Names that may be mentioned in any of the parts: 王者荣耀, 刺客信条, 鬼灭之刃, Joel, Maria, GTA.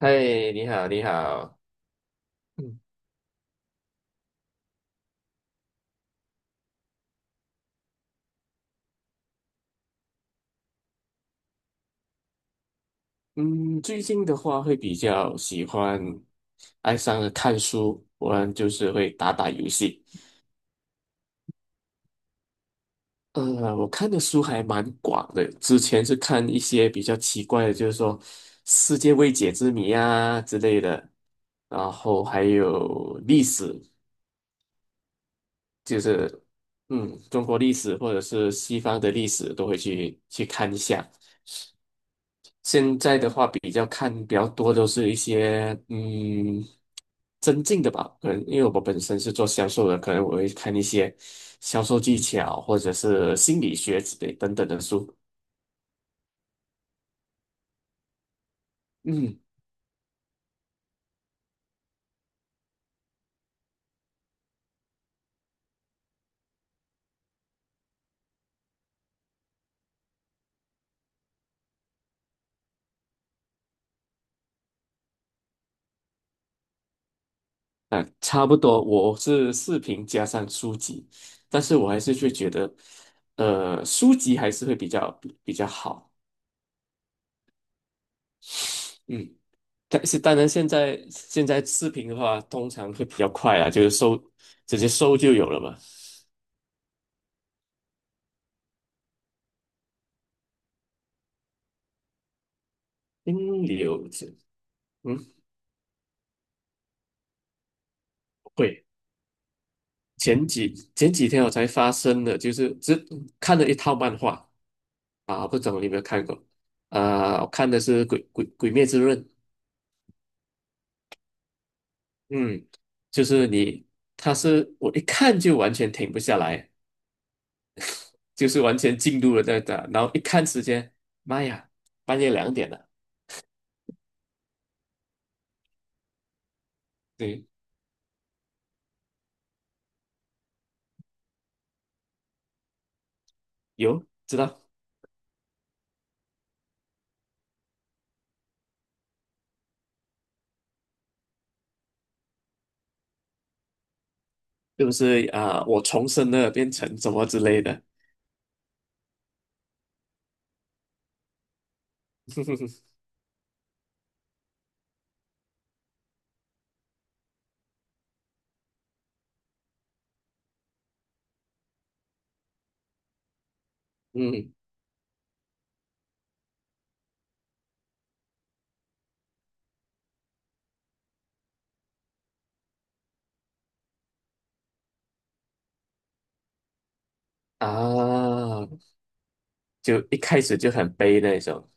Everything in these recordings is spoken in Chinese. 嗨，你好，你好。嗯嗯，最近的话会比较喜欢爱上了看书，不然就是会打打游戏。我看的书还蛮广的，之前是看一些比较奇怪的，就是说世界未解之谜啊之类的，然后还有历史，就是中国历史或者是西方的历史都会去看一下。现在的话，比较看比较多都是一些增进的吧，可能因为我本身是做销售的，可能我会看一些销售技巧或者是心理学之类等等的书。嗯，啊，差不多，我是视频加上书籍，但是我还是会觉得，书籍还是会比较好。嗯。但是当然，现在视频的话，通常会比较快啊，就是直接搜就有了嘛。嗯，有嗯，会。前几天我才发生的，就是只看了一套漫画啊，不懂你有没有看过？啊、我看的是鬼灭之刃》，嗯，就是你，他是我一看就完全停不下来，就是完全进入了那个，然后一看时间，妈呀，半夜2点了，对，有知道，是不是啊、我重生了，变成什么之类的，嗯啊，就一开始就很悲那种，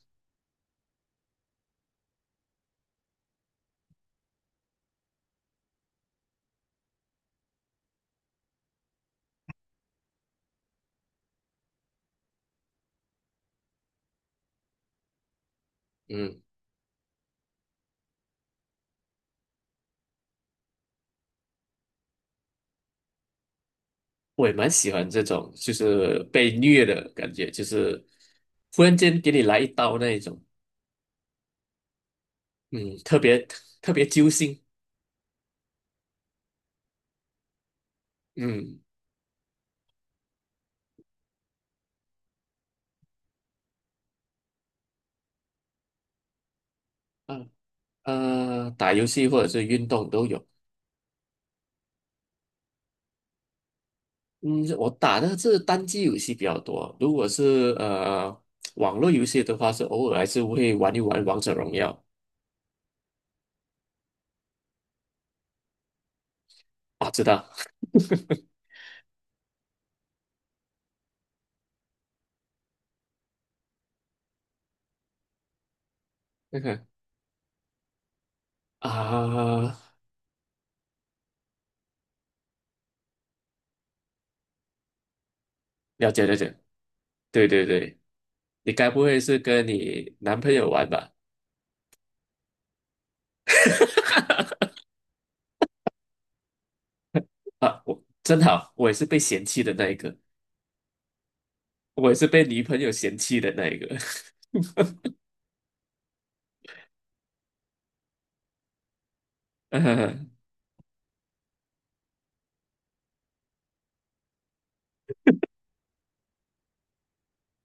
嗯。我也蛮喜欢这种，就是被虐的感觉，就是忽然间给你来一刀那一种，嗯，特别特别揪心，嗯啊打游戏或者是运动都有，嗯，我打的是单机游戏比较多，如果是网络游戏的话，是偶尔还是会玩一玩王者荣耀啊，知道 那个啊，了解了解，对对对，你该不会是跟你男朋友玩吧？啊，我真好，我也是被嫌弃的那一个，我也是被女朋友嫌弃的那一个。呃，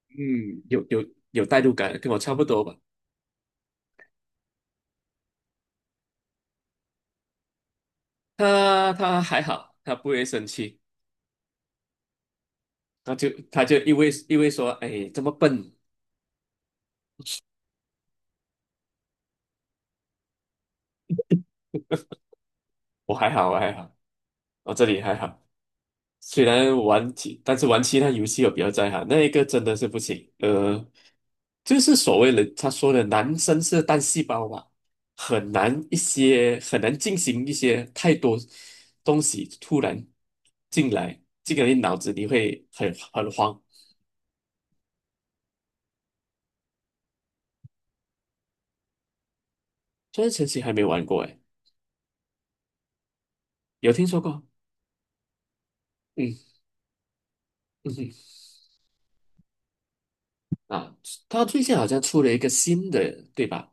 嗯，有有有代入感，跟我差不多吧。他还好，他不会生气，他就因为说，哎，这么笨，我还好，我还好，我这里还好。虽然玩其，但是玩其他游戏我比较在行，那一个真的是不行。就是所谓的他说的男生是单细胞吧，很难进行一些太多东西突然进来，这个你脑子里会很慌。这神奇还没玩过哎，有听说过？嗯嗯哼啊，他最近好像出了一个新的，对吧？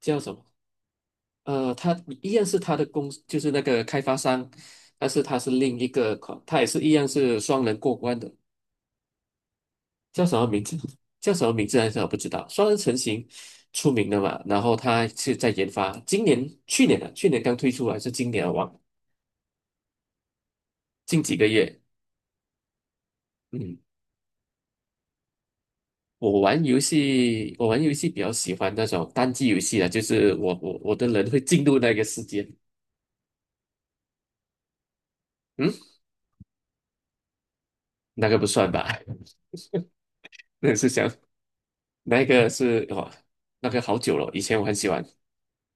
叫什么？他一样是他的就是那个开发商，但是他是另一个款，它也是一样是双人过关的，叫什么名字？叫什么名字来着？我不知道。双人成型出名的嘛，然后他是在研发，今年、去年的、去年刚推出还是今年啊？忘，近几个月。嗯，我玩游戏比较喜欢那种单机游戏啊，就是我的人会进入那个世界。嗯，那个不算吧？那是想那个是哇，那个好久了，以前我很喜欢。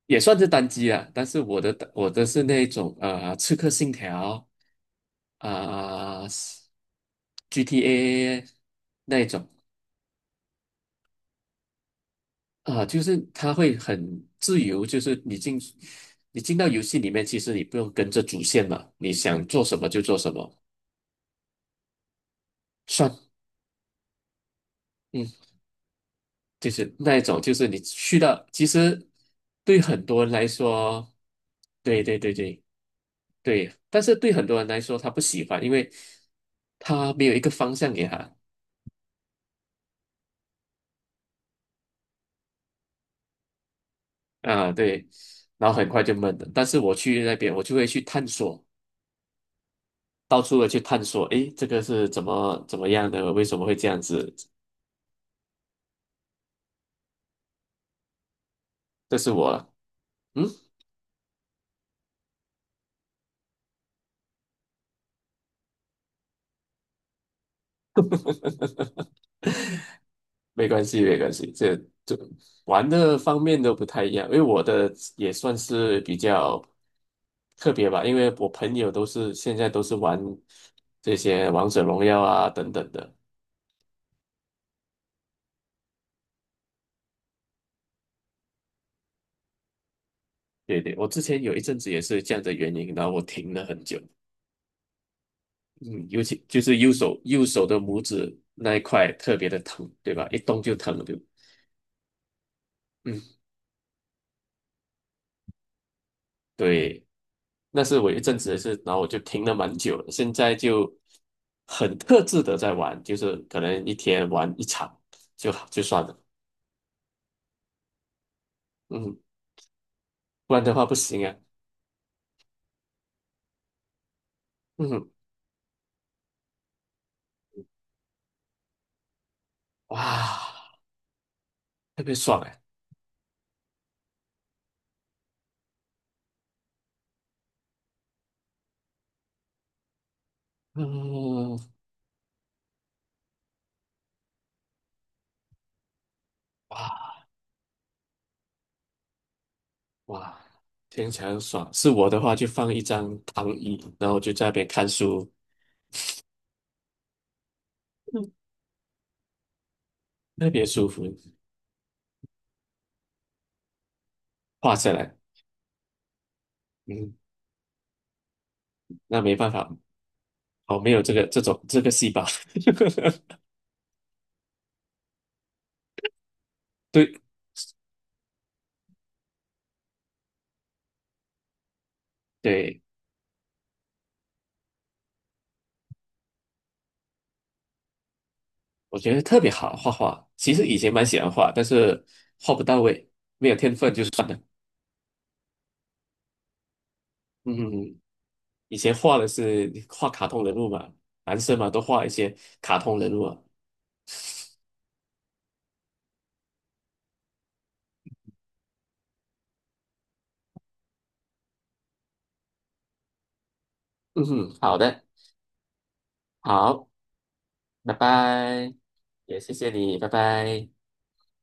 也算是单机啊，但是我的是那种《刺客信条》啊、GTA 那一种啊、就是它会很自由，就是你进到游戏里面，其实你不用跟着主线嘛，你想做什么就做什么，算嗯，就是那一种，就是你去到其实对很多人来说，对对对对对，但是对很多人来说他不喜欢，因为他没有一个方向给他。啊，对，然后很快就闷了。但是我去那边，我就会去探索，到处的去探索，诶，这个是怎么样的？为什么会这样子？这是我了，嗯，没关系，没关系，这玩的方面都不太一样，因为我的也算是比较特别吧，因为我朋友都是现在都是玩这些王者荣耀啊等等的。对对，我之前有一阵子也是这样的原因，然后我停了很久。嗯，尤其就是右手的拇指那一块特别的疼，对吧？一动就疼，对。嗯，对，那是我一阵子的事，然后我就停了蛮久了，现在就很克制的在玩，就是可能一天玩一场就好就算了，嗯，不然的话不行啊，嗯，哇，特别爽哎、嗯，哇哇，听起来很爽。是我的话就放一张躺椅，然后就在那边看书，嗯，特别舒服，画下来。嗯。那没办法，我没有这个这种这个细胞。对对，我觉得特别好画画。其实以前蛮喜欢画，但是画不到位，没有天分就算了。嗯，嗯以前画的是画卡通人物嘛，男生嘛都画一些卡通人物啊。嗯哼，好的，好，拜拜，也谢谢你，拜拜。